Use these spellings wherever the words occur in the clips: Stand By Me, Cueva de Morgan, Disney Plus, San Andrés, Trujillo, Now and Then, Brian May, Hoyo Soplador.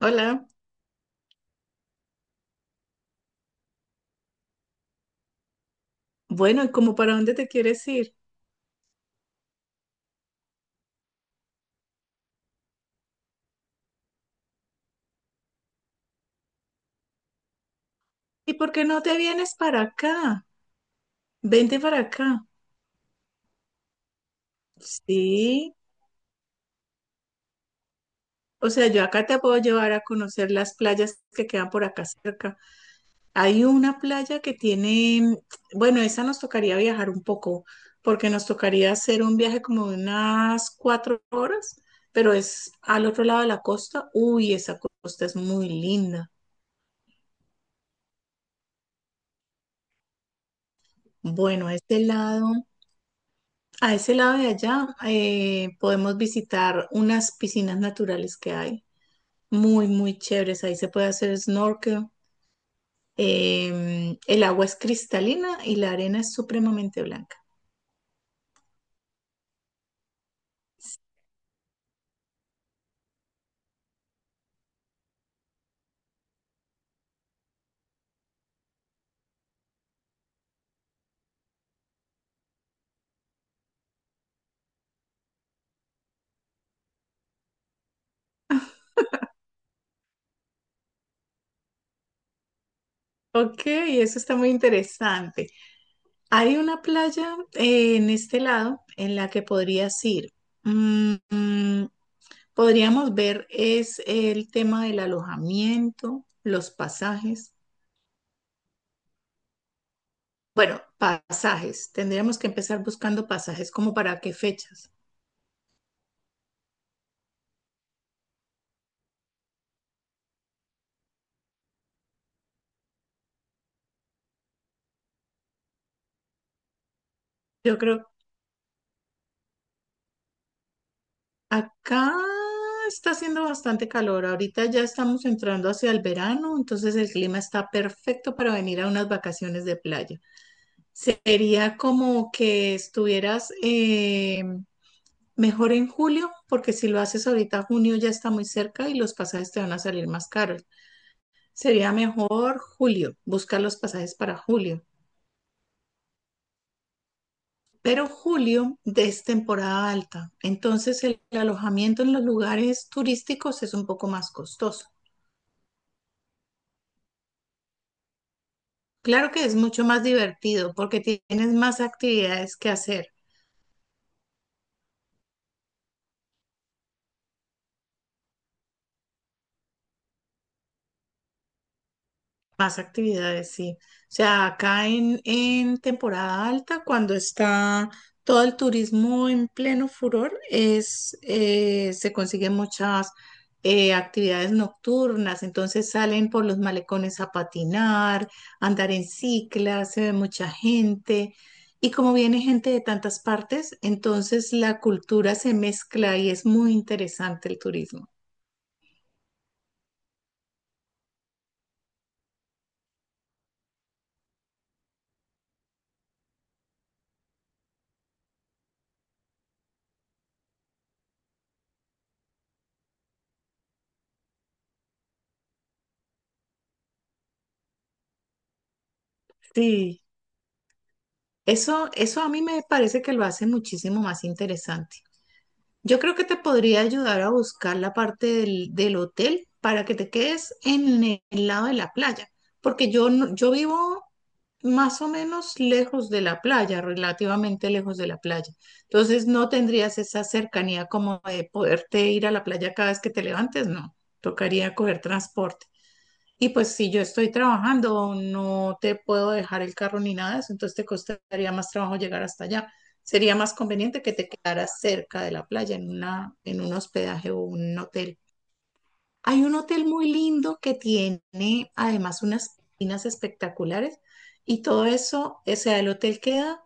Hola, bueno, ¿y como para dónde te quieres ir? ¿Y por qué no te vienes para acá? Vente para acá. Sí, o sea, yo acá te puedo llevar a conocer las playas que quedan por acá cerca. Hay una playa que tiene, bueno, esa nos tocaría viajar un poco, porque nos tocaría hacer un viaje como de unas cuatro horas, pero es al otro lado de la costa. Uy, esa costa es muy linda. Bueno, a este lado. A ese lado de allá podemos visitar unas piscinas naturales que hay, muy, muy chéveres. Ahí se puede hacer snorkel. El agua es cristalina y la arena es supremamente blanca. Ok, eso está muy interesante. Hay una playa en este lado en la que podrías ir. Mm, mm, podríamos ver es el tema del alojamiento, los pasajes. Bueno, pasajes. Tendríamos que empezar buscando pasajes, como para qué fechas. Yo creo, acá está haciendo bastante calor. Ahorita ya estamos entrando hacia el verano, entonces el clima está perfecto para venir a unas vacaciones de playa. Sería como que estuvieras mejor en julio, porque si lo haces ahorita, junio ya está muy cerca y los pasajes te van a salir más caros. Sería mejor julio, buscar los pasajes para julio. Pero julio es temporada alta, entonces el alojamiento en los lugares turísticos es un poco más costoso. Claro que es mucho más divertido porque tienes más actividades que hacer. Más actividades, sí. O sea, acá en temporada alta, cuando está todo el turismo en pleno furor, se consiguen muchas actividades nocturnas. Entonces salen por los malecones a patinar, a andar en cicla, se ve mucha gente. Y como viene gente de tantas partes, entonces la cultura se mezcla y es muy interesante el turismo. Sí. Eso a mí me parece que lo hace muchísimo más interesante. Yo creo que te podría ayudar a buscar la parte del hotel para que te quedes en el lado de la playa, porque yo, no- yo vivo más o menos lejos de la playa, relativamente lejos de la playa. Entonces no tendrías esa cercanía como de poderte ir a la playa cada vez que te levantes, no. Tocaría coger transporte. Y pues si yo estoy trabajando, no te puedo dejar el carro ni nada de eso, entonces te costaría más trabajo llegar hasta allá. Sería más conveniente que te quedaras cerca de la playa en un hospedaje o un hotel. Hay un hotel muy lindo que tiene además unas piscinas espectaculares y todo eso, o sea, el hotel queda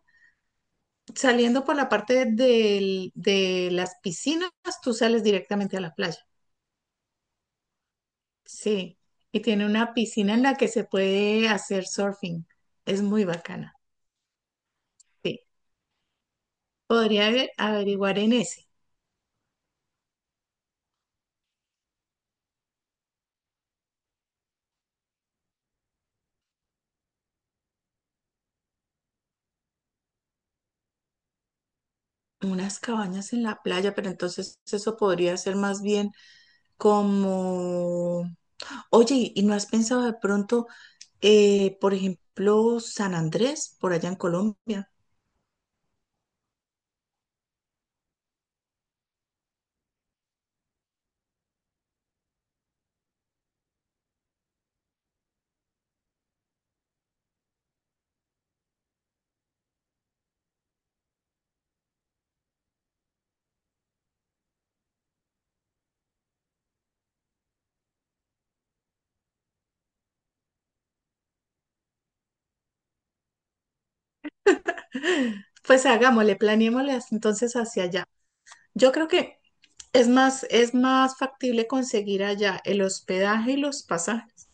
saliendo por de las piscinas, tú sales directamente a la playa. Sí, y tiene una piscina en la que se puede hacer surfing. Es muy bacana. Sí, podría averiguar en ese. Unas cabañas en la playa, pero entonces eso podría ser más bien como, oye, ¿y no has pensado de pronto, por ejemplo, San Andrés, por allá en Colombia? Pues hagámosle, planeémosle hasta entonces hacia allá. Yo creo que es más factible conseguir allá el hospedaje y los pasajes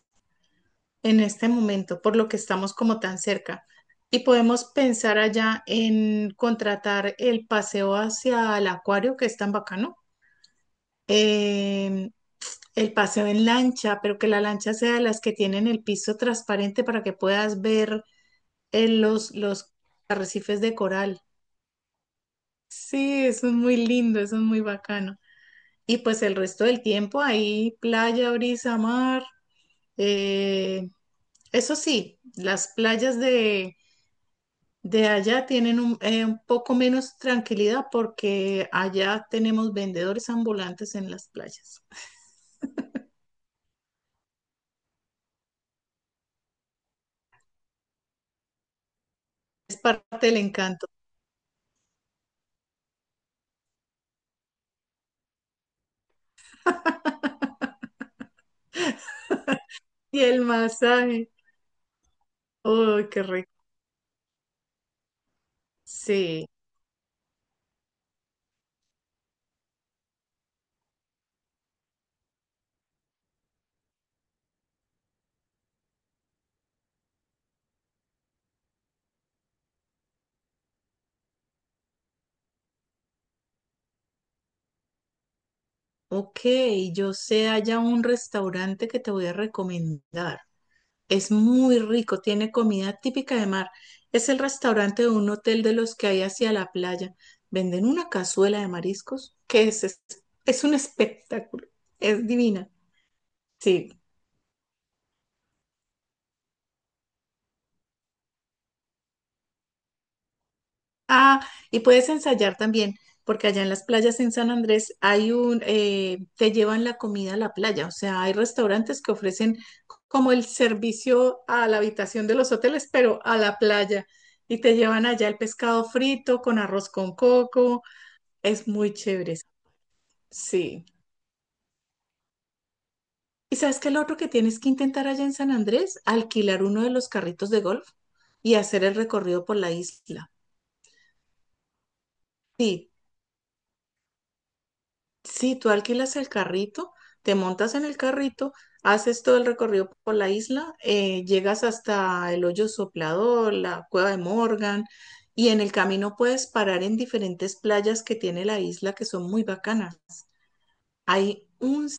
en este momento, por lo que estamos como tan cerca. Y podemos pensar allá en contratar el paseo hacia el acuario, que es tan bacano, em, el paseo en lancha, pero que la lancha sea de las que tienen el piso transparente para que puedas ver los arrecifes de coral. Sí, eso es muy lindo, eso es muy bacano. Y pues el resto del tiempo ahí, playa, brisa, mar. Eh, eso sí, las playas de allá tienen un poco menos tranquilidad porque allá tenemos vendedores ambulantes en las playas. Es parte del encanto. Y el masaje. ¡Uy, qué rico! Sí. Ok, yo sé allá un restaurante que te voy a recomendar. Es muy rico, tiene comida típica de mar. Es el restaurante de un hotel de los que hay hacia la playa. Venden una cazuela de mariscos que es un espectáculo. Es divina. Sí. Ah, y puedes ensayar también, porque allá en las playas en San Andrés te llevan la comida a la playa, o sea, hay restaurantes que ofrecen como el servicio a la habitación de los hoteles, pero a la playa, y te llevan allá el pescado frito con arroz con coco, es muy chévere, sí. ¿Y sabes qué? Es Lo otro que tienes que intentar allá en San Andrés, alquilar uno de los carritos de golf y hacer el recorrido por la isla. Sí, sí, tú alquilas el carrito, te montas en el carrito, haces todo el recorrido por la isla, llegas hasta el Hoyo Soplador, la Cueva de Morgan, y en el camino puedes parar en diferentes playas que tiene la isla que son muy bacanas. Hay un s-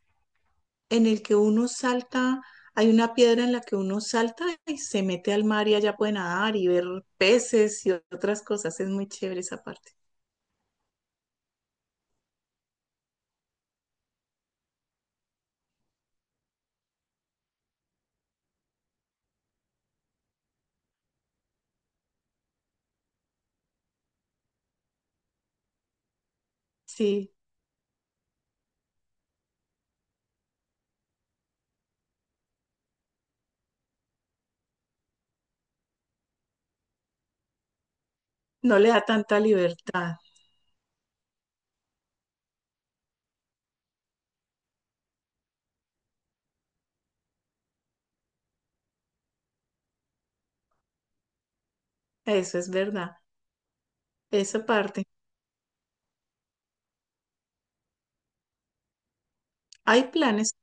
en el que uno salta, hay una piedra en la que uno salta y se mete al mar y allá puede nadar y ver peces y otras cosas. Es muy chévere esa parte. Sí, no le da tanta libertad, eso es verdad. Esa parte. Hay planes.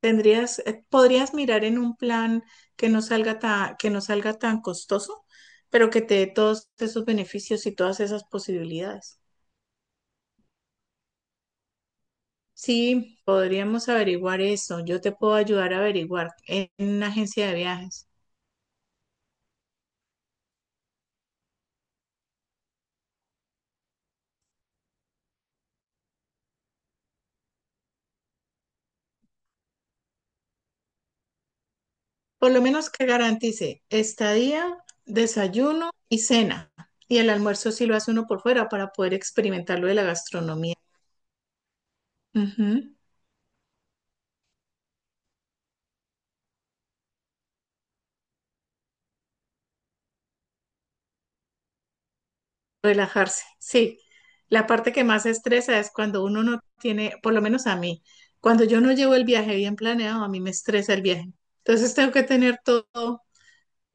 Tendrías, podrías mirar en un plan que no salga tan costoso, pero que te dé todos esos beneficios y todas esas posibilidades. Sí, podríamos averiguar eso. Yo te puedo ayudar a averiguar en una agencia de viajes. Por lo menos que garantice estadía, desayuno y cena. Y el almuerzo sí lo hace uno por fuera para poder experimentar lo de la gastronomía. Ujú. Relajarse, sí. La parte que más estresa es cuando uno no tiene, por lo menos a mí, cuando yo no llevo el viaje bien planeado, a mí me estresa el viaje. Entonces tengo que tener todo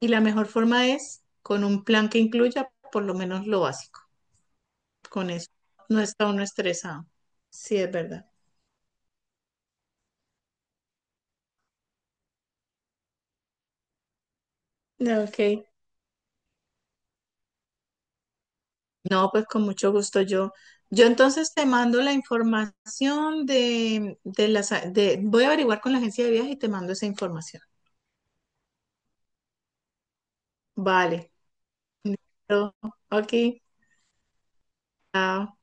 y la mejor forma es con un plan que incluya por lo menos lo básico. Con eso no está uno estresado. Sí, es verdad. Ok. No, pues con mucho gusto yo. Yo entonces te mando la información de las... De, voy a averiguar con la agencia de viaje y te mando esa información. Vale. Pero, ok. Chao.